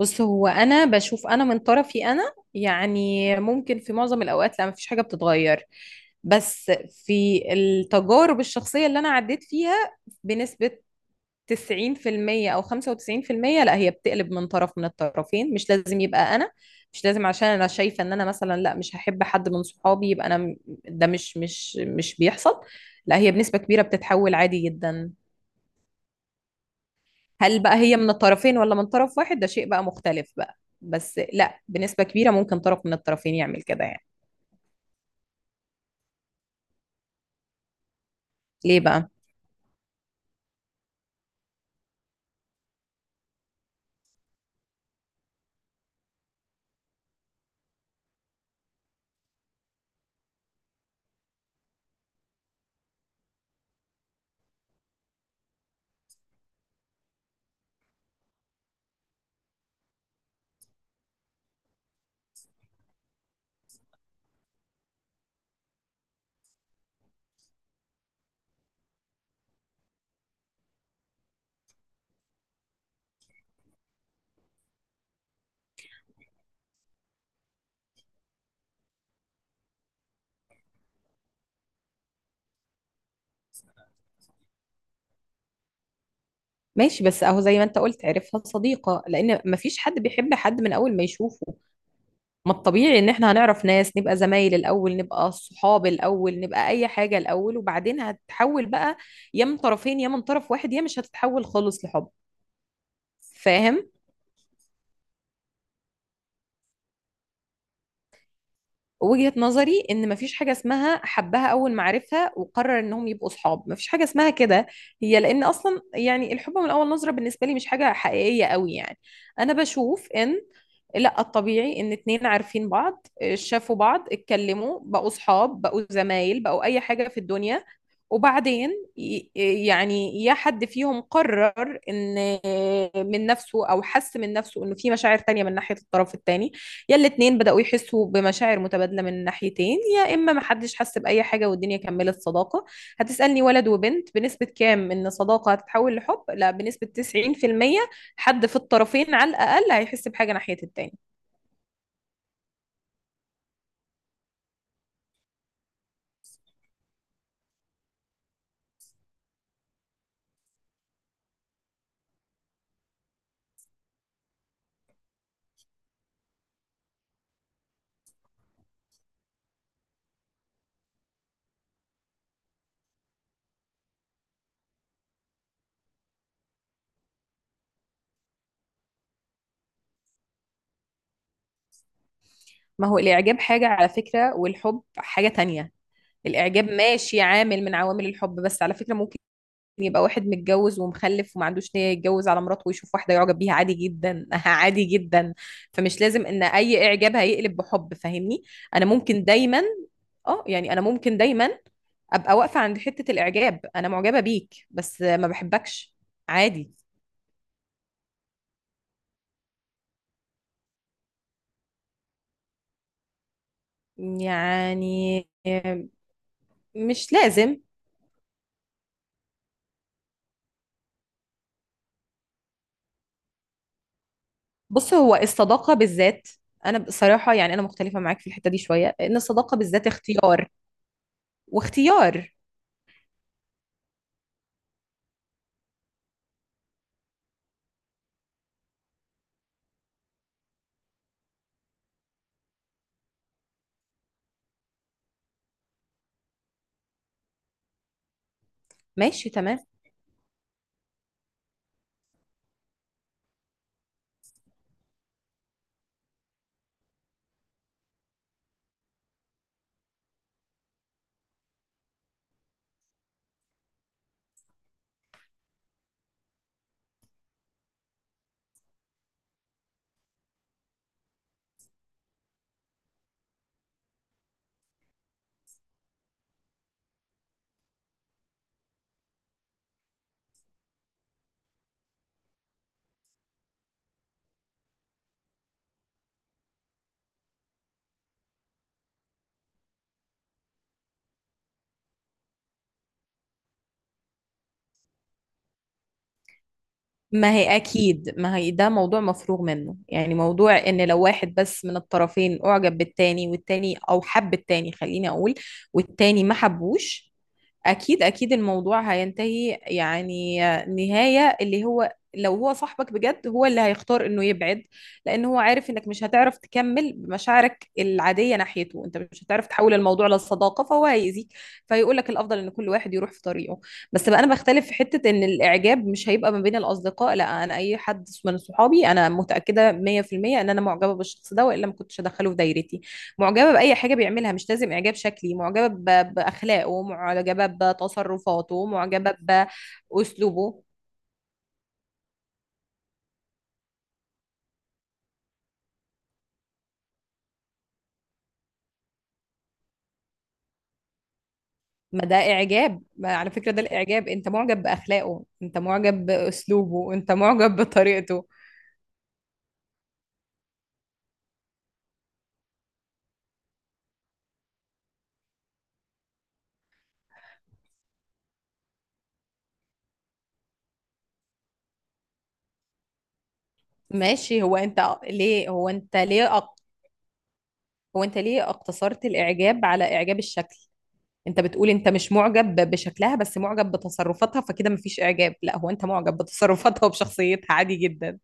بص، هو انا بشوف من طرفي، انا يعني ممكن في معظم الاوقات لا، مفيش حاجه بتتغير. بس في التجارب الشخصيه اللي انا عديت فيها بنسبه 90% او 95%، لا، هي بتقلب من طرف، من الطرفين، مش لازم يبقى انا. مش لازم، عشان انا شايفه ان انا مثلا لا، مش هحب حد من صحابي يبقى ده مش بيحصل. لا، هي بنسبه كبيره بتتحول عادي جدا. هل بقى هي من الطرفين ولا من طرف واحد، ده شيء بقى مختلف بقى، بس لا، بنسبة كبيرة ممكن طرف من الطرفين يعمل كده يعني. ليه بقى؟ ماشي، بس اهو زي ما انت قلت، عرفها صديقة، لان مفيش حد بيحب حد من اول ما يشوفه. ما الطبيعي ان احنا هنعرف ناس، نبقى زمايل الاول، نبقى صحاب الاول، نبقى اي حاجة الاول، وبعدين هتتحول بقى، يا من طرفين يا من طرف واحد، يا مش هتتحول خالص لحب. فاهم. وجهة نظري ان مفيش حاجة اسمها حبها اول ما عرفها وقرر انهم يبقوا صحاب، مفيش حاجة اسمها كده. هي لان اصلا يعني الحب من اول نظرة بالنسبة لي مش حاجة حقيقية قوي يعني. انا بشوف ان لا، الطبيعي ان اتنين عارفين بعض، شافوا بعض، اتكلموا، بقوا صحاب، بقوا زمايل، بقوا اي حاجة في الدنيا، وبعدين ي- يعني يا حد فيهم قرر ان، من نفسه، او حس من نفسه انه في مشاعر تانية من ناحية الطرف التاني، يا الاتنين بدأوا يحسوا بمشاعر متبادلة من ناحيتين، يا إما محدش حس بأي حاجة والدنيا كملت صداقة. هتسألني ولد وبنت بنسبة كام إن صداقة هتتحول لحب؟ لا، بنسبة 90% حد في الطرفين على الأقل هيحس بحاجة ناحية التاني. ما هو الإعجاب حاجة على فكرة والحب حاجة تانية. الإعجاب ماشي، عامل من عوامل الحب، بس على فكرة ممكن يبقى واحد متجوز ومخلف وما عندوش نية يتجوز على مراته ويشوف واحدة يعجب بيها عادي جدا، عادي جدا. فمش لازم ان اي اعجاب هيقلب بحب، فاهمني. انا ممكن دايما، اه يعني انا ممكن دايما ابقى واقفة عند حتة الاعجاب، انا معجبة بيك بس ما بحبكش. عادي يعني، مش لازم. بص، هو الصداقة بالذات انا بصراحة يعني انا مختلفة معاك في الحتة دي شوية، ان الصداقة بالذات اختيار. واختيار. ماشي، تمام. ما هي أكيد، ما هي ده موضوع مفروغ منه يعني. موضوع إن لو واحد بس من الطرفين أعجب بالتاني، والتاني أو حب التاني خليني أقول، والتاني ما حبوش، اكيد اكيد الموضوع هينتهي يعني. نهاية اللي هو لو هو صاحبك بجد، هو اللي هيختار انه يبعد، لان هو عارف انك مش هتعرف تكمل بمشاعرك العادية ناحيته، انت مش هتعرف تحول الموضوع لصداقة، فهو هيأذيك. فيقول لك الافضل ان كل واحد يروح في طريقه. بس بقى انا بختلف في حتة ان الاعجاب مش هيبقى ما بين الاصدقاء. لا، انا اي حد من صحابي انا متأكدة 100% ان انا معجبة بالشخص ده، والا ما كنتش ادخله في دايرتي. معجبة بأي حاجة بيعملها، مش لازم إعجاب شكلي، معجبة بأخلاقه، معجبة بتصرفاته، معجبة بأسلوبه. ما ده إعجاب، ما على فكرة ده الإعجاب. أنت معجب بأخلاقه، أنت معجب بأسلوبه، أنت معجب بطريقته. ماشي، هو أنت ليه اقتصرت الإعجاب على إعجاب الشكل؟ أنت بتقول أنت مش معجب بشكلها بس معجب بتصرفاتها، فكده مفيش إعجاب؟ لا، هو أنت معجب بتصرفاتها وبشخصيتها عادي جدا.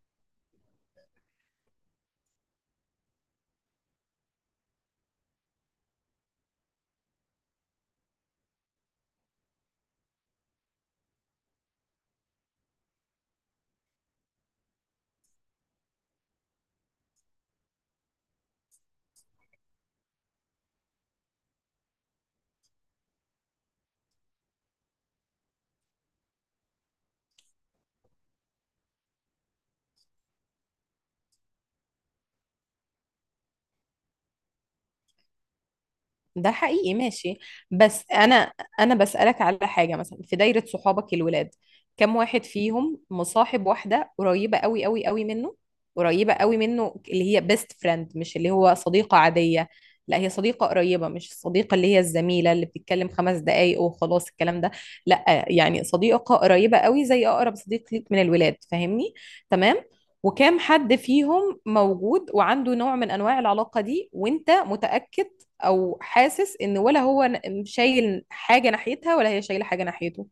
ده حقيقي. ماشي، بس انا بسألك على حاجة، مثلا في دايرة صحابك الولاد، كم واحد فيهم مصاحب واحدة قريبة قوي قوي قوي منه؟ قريبة قوي منه، اللي هي بيست فريند، مش اللي هو صديقة عادية. لا، هي صديقة قريبة، مش الصديقة اللي هي الزميلة اللي بتتكلم خمس دقايق وخلاص الكلام ده، لا يعني صديقة قريبة قوي، زي أقرب صديق ليك من الولاد، فاهمني؟ تمام. وكام حد فيهم موجود وعنده نوع من أنواع العلاقة دي، وأنت متأكد او حاسس ان، ولا هو شايل حاجه ناحيتها ولا هي شايله حاجه ناحيته؟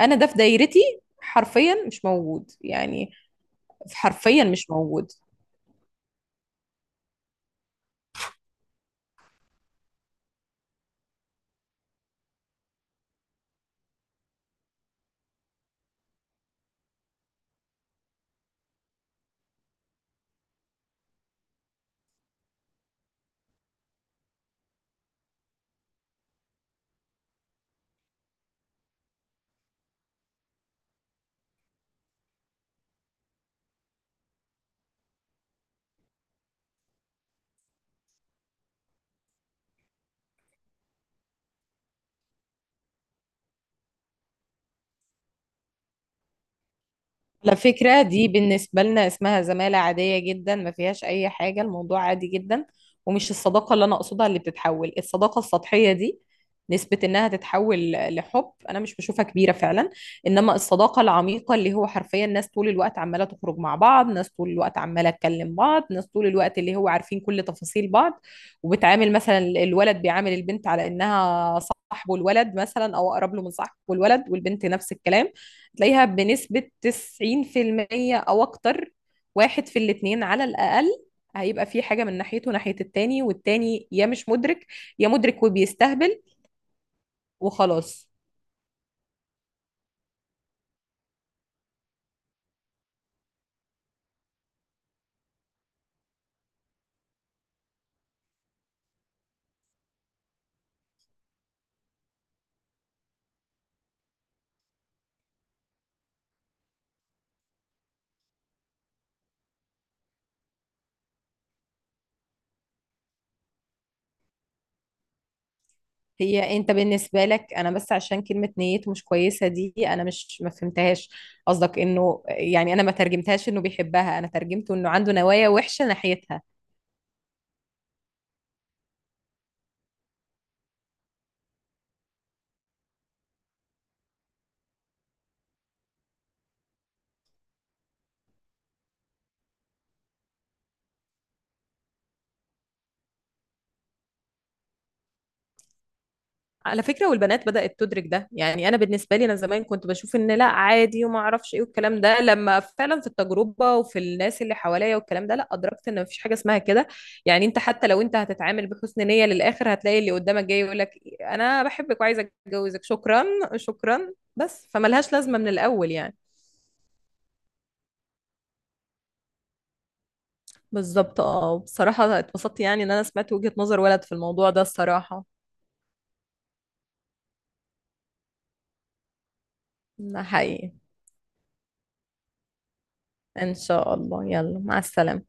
انا ده في دايرتي حرفيا مش موجود يعني، حرفيا مش موجود. على فكرة دي بالنسبة لنا اسمها زمالة عادية جدا، ما فيهاش أي حاجة، الموضوع عادي جدا. ومش الصداقة اللي أنا أقصدها اللي بتتحول، الصداقة السطحية دي نسبة إنها تتحول لحب أنا مش بشوفها كبيرة فعلا. إنما الصداقة العميقة، اللي هو حرفيا ناس طول الوقت عمالة تخرج مع بعض، ناس طول الوقت عمالة تكلم بعض، ناس طول الوقت اللي هو عارفين كل تفاصيل بعض، وبتعامل مثلا الولد بيعامل البنت على إنها صاحبه الولد مثلا، أو أقرب له من صاحبه الولد، والبنت نفس الكلام، تلاقيها بنسبة 90% أو أكتر واحد في الاتنين على الأقل هيبقى في حاجة من ناحيته ناحية التاني، والتاني يا مش مدرك يا مدرك وبيستهبل وخلاص. هي انت بالنسبة لك، انا بس عشان كلمة نيته مش كويسة دي انا مش ما فهمتهاش، قصدك انه يعني، انا ما ترجمتهاش انه بيحبها، انا ترجمته انه عنده نوايا وحشة ناحيتها. على فكرة، والبنات بدأت تدرك ده. يعني أنا بالنسبة لي أنا زمان كنت بشوف إن لا عادي وما أعرفش إيه والكلام ده، لما فعلا في التجربة وفي الناس اللي حواليا والكلام ده، لا، أدركت إن مفيش حاجة اسمها كده. يعني أنت حتى لو أنت هتتعامل بحسن نية للآخر، هتلاقي اللي قدامك جاي يقول لك أنا بحبك وعايزة أتجوزك، شكرا. شكرا، بس فملهاش لازمة من الأول يعني. بالظبط. اه، بصراحة اتبسطت يعني إن أنا سمعت وجهة نظر ولد في الموضوع ده الصراحة. ده حقيقي. إن شاء الله، يلا مع السلامة.